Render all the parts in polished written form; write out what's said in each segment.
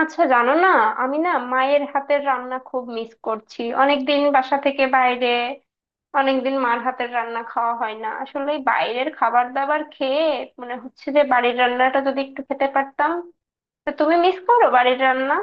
আচ্ছা জানো না, আমি না মায়ের হাতের রান্না খুব মিস করছি। অনেকদিন বাসা থেকে বাইরে, অনেকদিন মার হাতের রান্না খাওয়া হয় না। আসলে এই বাইরের খাবার দাবার খেয়ে মনে হচ্ছে যে বাড়ির রান্নাটা যদি একটু খেতে পারতাম। তা তুমি মিস করো বাড়ির রান্না?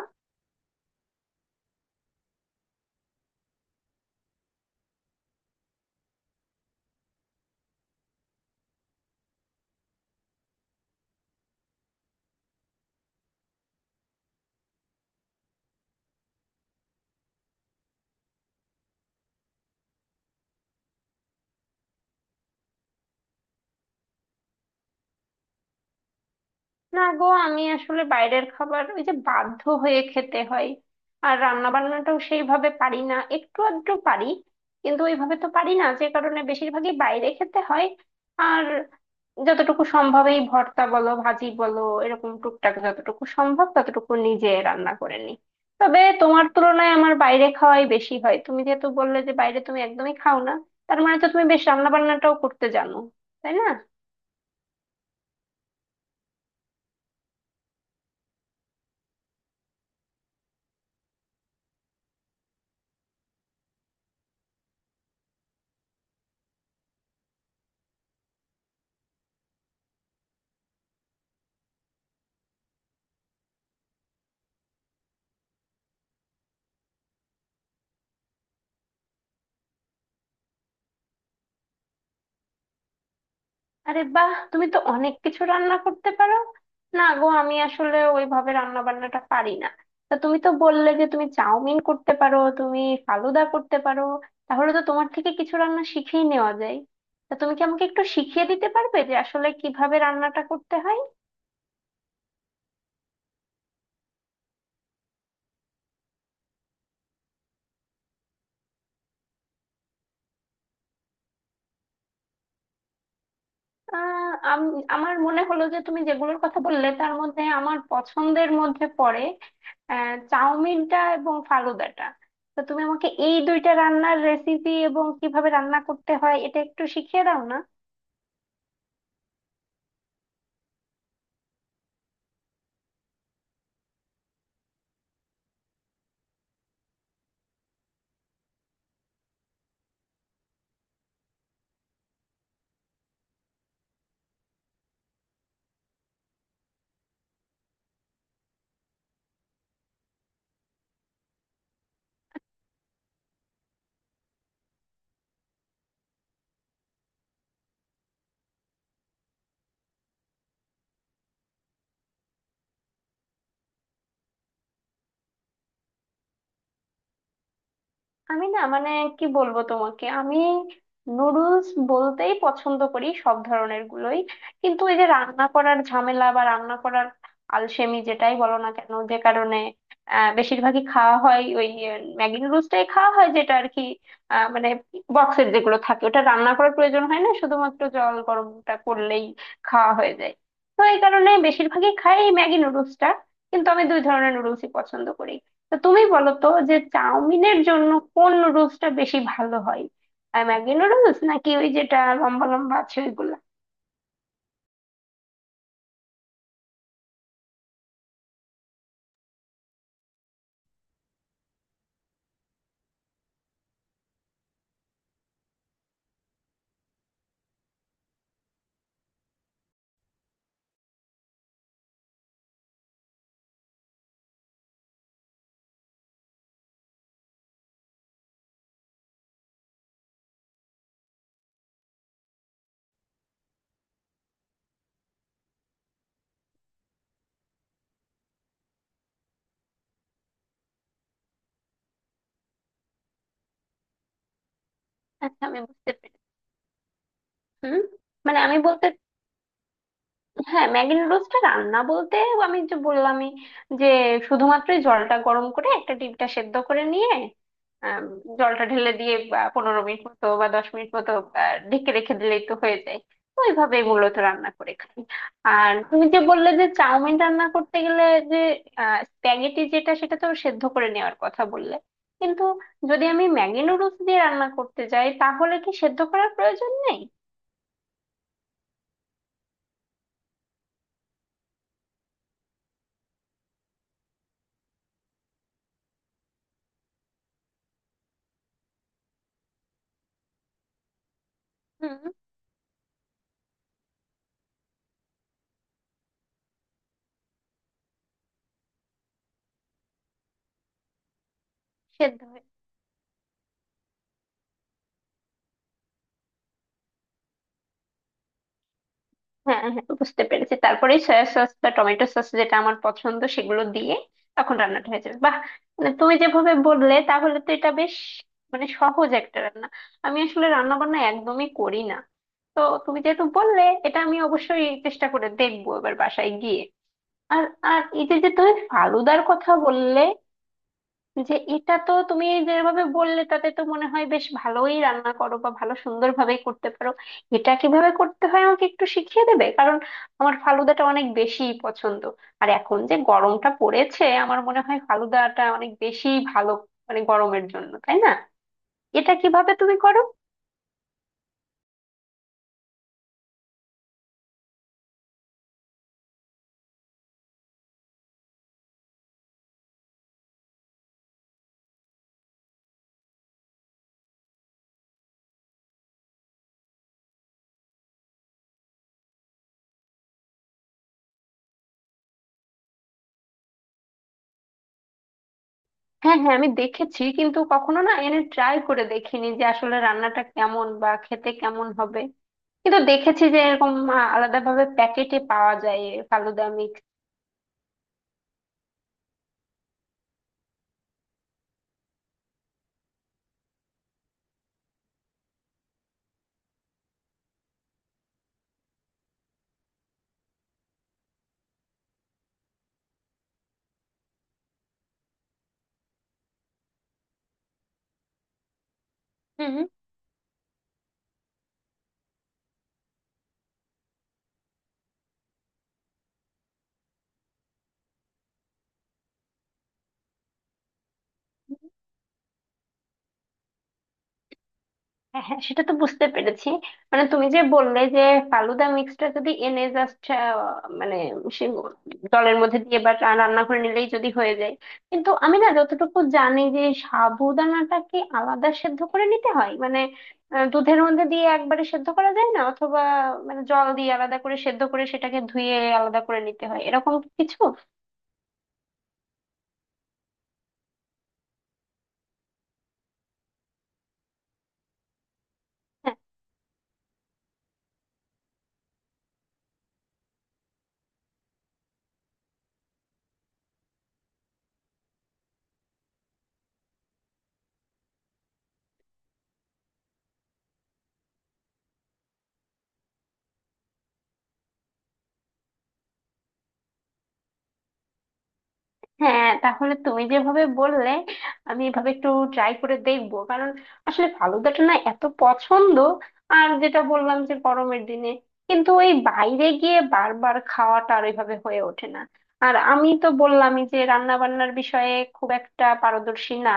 না গো, আমি আসলে বাইরের খাবার ওই যে বাধ্য হয়ে খেতে হয়। আর রান্না বান্নাটাও সেইভাবে পারি না, একটু আধটু পারি, কিন্তু ওইভাবে তো পারি না, যে কারণে বেশিরভাগই বাইরে খেতে হয়। আর যতটুকু সম্ভব এই ভর্তা বলো, ভাজি বলো, এরকম টুকটাক যতটুকু সম্ভব ততটুকু নিজে রান্না করে নিই। তবে তোমার তুলনায় আমার বাইরে খাওয়াই বেশি হয়। তুমি যেহেতু বললে যে বাইরে তুমি একদমই খাও না, তার মানে তো তুমি বেশ রান্না বান্নাটাও করতে জানো, তাই না? আরে বাহ, তুমি তো অনেক কিছু রান্না করতে পারো! না গো, আমি আসলে ওইভাবে রান্না বান্নাটা পারি না। তা তুমি তো বললে যে তুমি চাউমিন করতে পারো, তুমি ফালুদা করতে পারো, তাহলে তো তোমার থেকে কিছু রান্না শিখেই নেওয়া যায়। তা তুমি কি আমাকে একটু শিখিয়ে দিতে পারবে যে আসলে কিভাবে রান্নাটা করতে হয়? আমার মনে হলো যে তুমি যেগুলোর কথা বললে তার মধ্যে আমার পছন্দের মধ্যে পড়ে চাউমিনটা এবং ফালুদাটা। তো তুমি আমাকে এই দুইটা রান্নার রেসিপি এবং কিভাবে রান্না করতে হয় এটা একটু শিখিয়ে দাও না। আমি না মানে, কি বলবো তোমাকে, আমি নুডলস বলতেই পছন্দ করি সব ধরনের গুলোই। কিন্তু এই যে রান্না করার ঝামেলা বা রান্না করার আলসেমি, যেটাই বলো না কেন, যে কারণে বেশিরভাগই খাওয়া হয় ওই ম্যাগি নুডলসটাই খাওয়া হয় যেটা আর কি। মানে বক্সের যেগুলো থাকে ওটা রান্না করার প্রয়োজন হয় না, শুধুমাত্র জল গরমটা করলেই খাওয়া হয়ে যায়। তো এই কারণে বেশিরভাগই খাই এই ম্যাগি নুডলসটা। কিন্তু আমি দুই ধরনের নুডলসই পছন্দ করি। তো তুমি বলো তো যে চাউমিনের জন্য কোন নুডলসটা বেশি ভালো হয়, আর ম্যাগি নুডলস নাকি ওই যেটা লম্বা লম্বা আছে ওইগুলা? আচ্ছা, আমি বুঝতে পেরেছি। হুম। মানে আমি বলতে, হ্যাঁ, ম্যাগি নুডলসটা রান্না বলতে আমি যে বললামই যে শুধুমাত্র জলটা গরম করে একটা ডিমটা সেদ্ধ করে নিয়ে, আম, জলটা ঢেলে দিয়ে বা 15 মিনিট মতো বা 10 মিনিট মতো ঢেকে রেখে দিলেই তো হয়ে যায়। ওইভাবে মূলত রান্না করে খাই। আর তুমি যে বললে যে চাউমিন রান্না করতে গেলে যে স্প্যাগেটি যেটা, সেটা তো সেদ্ধ করে নেওয়ার কথা বললে, কিন্তু যদি আমি ম্যাগি নুডলস দিয়ে রান্না করতে যাই তাহলে কি সেদ্ধ করার প্রয়োজন নেই? হুম। সেদ্ধ হয়ে। হ্যাঁ হ্যাঁ, বুঝতে পেরেছি। তারপরে সয়া সস বা টমেটো সস যেটা আমার পছন্দ সেগুলো দিয়ে তখন রান্নাটা হয়ে যাবে। বাহ, মানে তুমি যেভাবে বললে তাহলে তো এটা বেশ মানে সহজ একটা রান্না। আমি আসলে রান্না বান্না একদমই করি না। তো তুমি যেহেতু বললে এটা আমি অবশ্যই চেষ্টা করে দেখবো এবার বাসায় গিয়ে। আর, আর এই যে যে তুমি ফালুদার কথা বললে, যে এটা তো তুমি যেভাবে বললে তাতে তো মনে হয় বেশ ভালোই রান্না করো বা ভালো সুন্দরভাবেই করতে পারো। এটা কিভাবে করতে হয় আমাকে একটু শিখিয়ে দেবে? কারণ আমার ফালুদাটা অনেক বেশি পছন্দ। আর এখন যে গরমটা পড়েছে আমার মনে হয় ফালুদাটা অনেক বেশি ভালো, মানে গরমের জন্য, তাই না? এটা কিভাবে তুমি করো? হ্যাঁ হ্যাঁ, আমি দেখেছি, কিন্তু কখনো না এনে ট্রাই করে দেখিনি যে আসলে রান্নাটা কেমন বা খেতে কেমন হবে। কিন্তু দেখেছি যে এরকম আলাদাভাবে প্যাকেটে পাওয়া যায় এ ফালুদা মিক্স। হ্যাঁ হ্যাঁ, সেটা তো বুঝতে পেরেছি। মানে তুমি যে বললে যে ফালুদা মিক্সটা যদি এনে জাস্ট মানে সে জলের মধ্যে দিয়ে বা রান্না করে নিলেই যদি হয়ে যায়। কিন্তু আমি না যতটুকু জানি যে সাবুদানাটাকে আলাদা সেদ্ধ করে নিতে হয়, মানে দুধের মধ্যে দিয়ে একবারে সেদ্ধ করা যায় না, অথবা মানে জল দিয়ে আলাদা করে সেদ্ধ করে সেটাকে ধুয়ে আলাদা করে নিতে হয় এরকম কিছু, হ্যাঁ। হ্যাঁ, তাহলে তুমি যেভাবে বললে আমি এভাবে একটু ট্রাই করে দেখবো, কারণ আসলে ফালুদাটা না এত পছন্দ। আর যেটা বললাম যে গরমের দিনে, কিন্তু ওই বাইরে গিয়ে বারবার খাওয়াটা আর ওইভাবে হয়ে ওঠে না। আর আমি তো বললামই যে রান্না বান্নার বিষয়ে খুব একটা পারদর্শী না,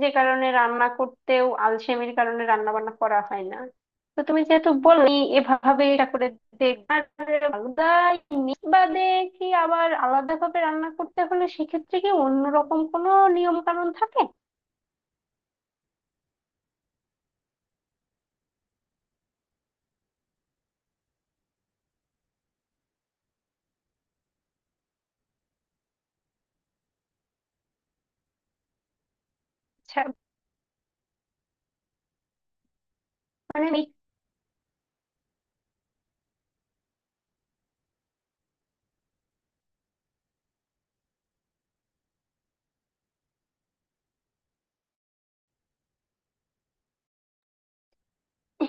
যে কারণে রান্না করতেও আলসেমির কারণে রান্না বান্না করা হয় না। তো তুমি যেহেতু বলনি এভাবে এটা করে দেখবে। আর আলাদা ইলিশ বাদে কি আবার আলাদা ভাবে রান্না করতে হলে সেক্ষেত্রে কি অন্যরকম কোনো নিয়ম কানুন থাকে? আচ্ছা, মানে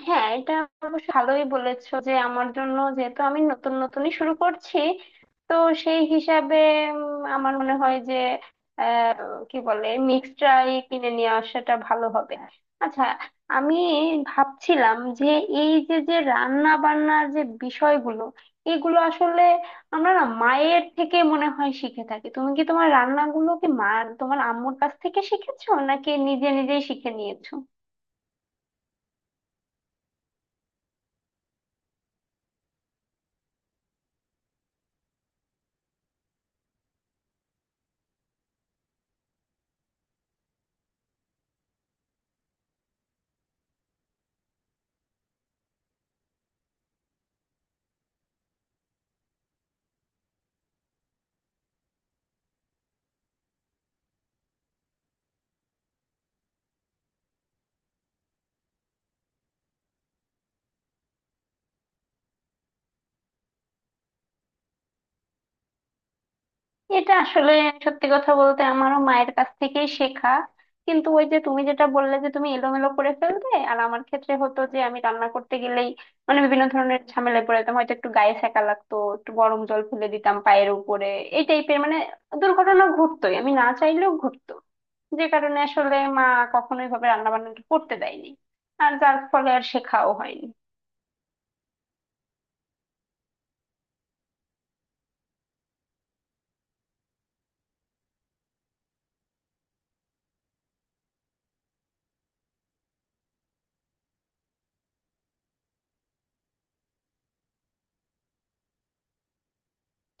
হ্যাঁ, এটা অবশ্য ভালোই বলেছো যে আমার জন্য, যেহেতু আমি নতুন নতুনই শুরু করছি, তো সেই হিসাবে আমার মনে হয় যে আহ, কি বলে মিক্সটাই কিনে নিয়ে আসাটা ভালো হবে। আচ্ছা, আমি ভাবছিলাম যে এই যে যে রান্না বান্নার যে বিষয়গুলো এগুলো আসলে আমরা না মায়ের থেকে মনে হয় শিখে থাকি। তুমি কি তোমার রান্নাগুলো কি মা, তোমার আম্মুর কাছ থেকে শিখেছো নাকি নিজে নিজেই শিখে নিয়েছো? এটা আসলে সত্যি কথা বলতে আমারও মায়ের কাছ থেকেই শেখা। কিন্তু ওই যে তুমি যেটা বললে যে তুমি এলোমেলো করে ফেলতে, আর আমার ক্ষেত্রে হতো যে আমি রান্না করতে গেলেই মানে বিভিন্ন ধরনের ঝামেলায় পড়ে যেতাম। হয়তো একটু গায়ে সেকা লাগতো, একটু গরম জল ফেলে দিতাম পায়ের উপরে, এই টাইপের মানে দুর্ঘটনা ঘটতোই, আমি না চাইলেও ঘটতো। যে কারণে আসলে মা কখনোই ভাবে রান্না বান্নাটা করতে দেয়নি, আর যার ফলে আর শেখাও হয়নি।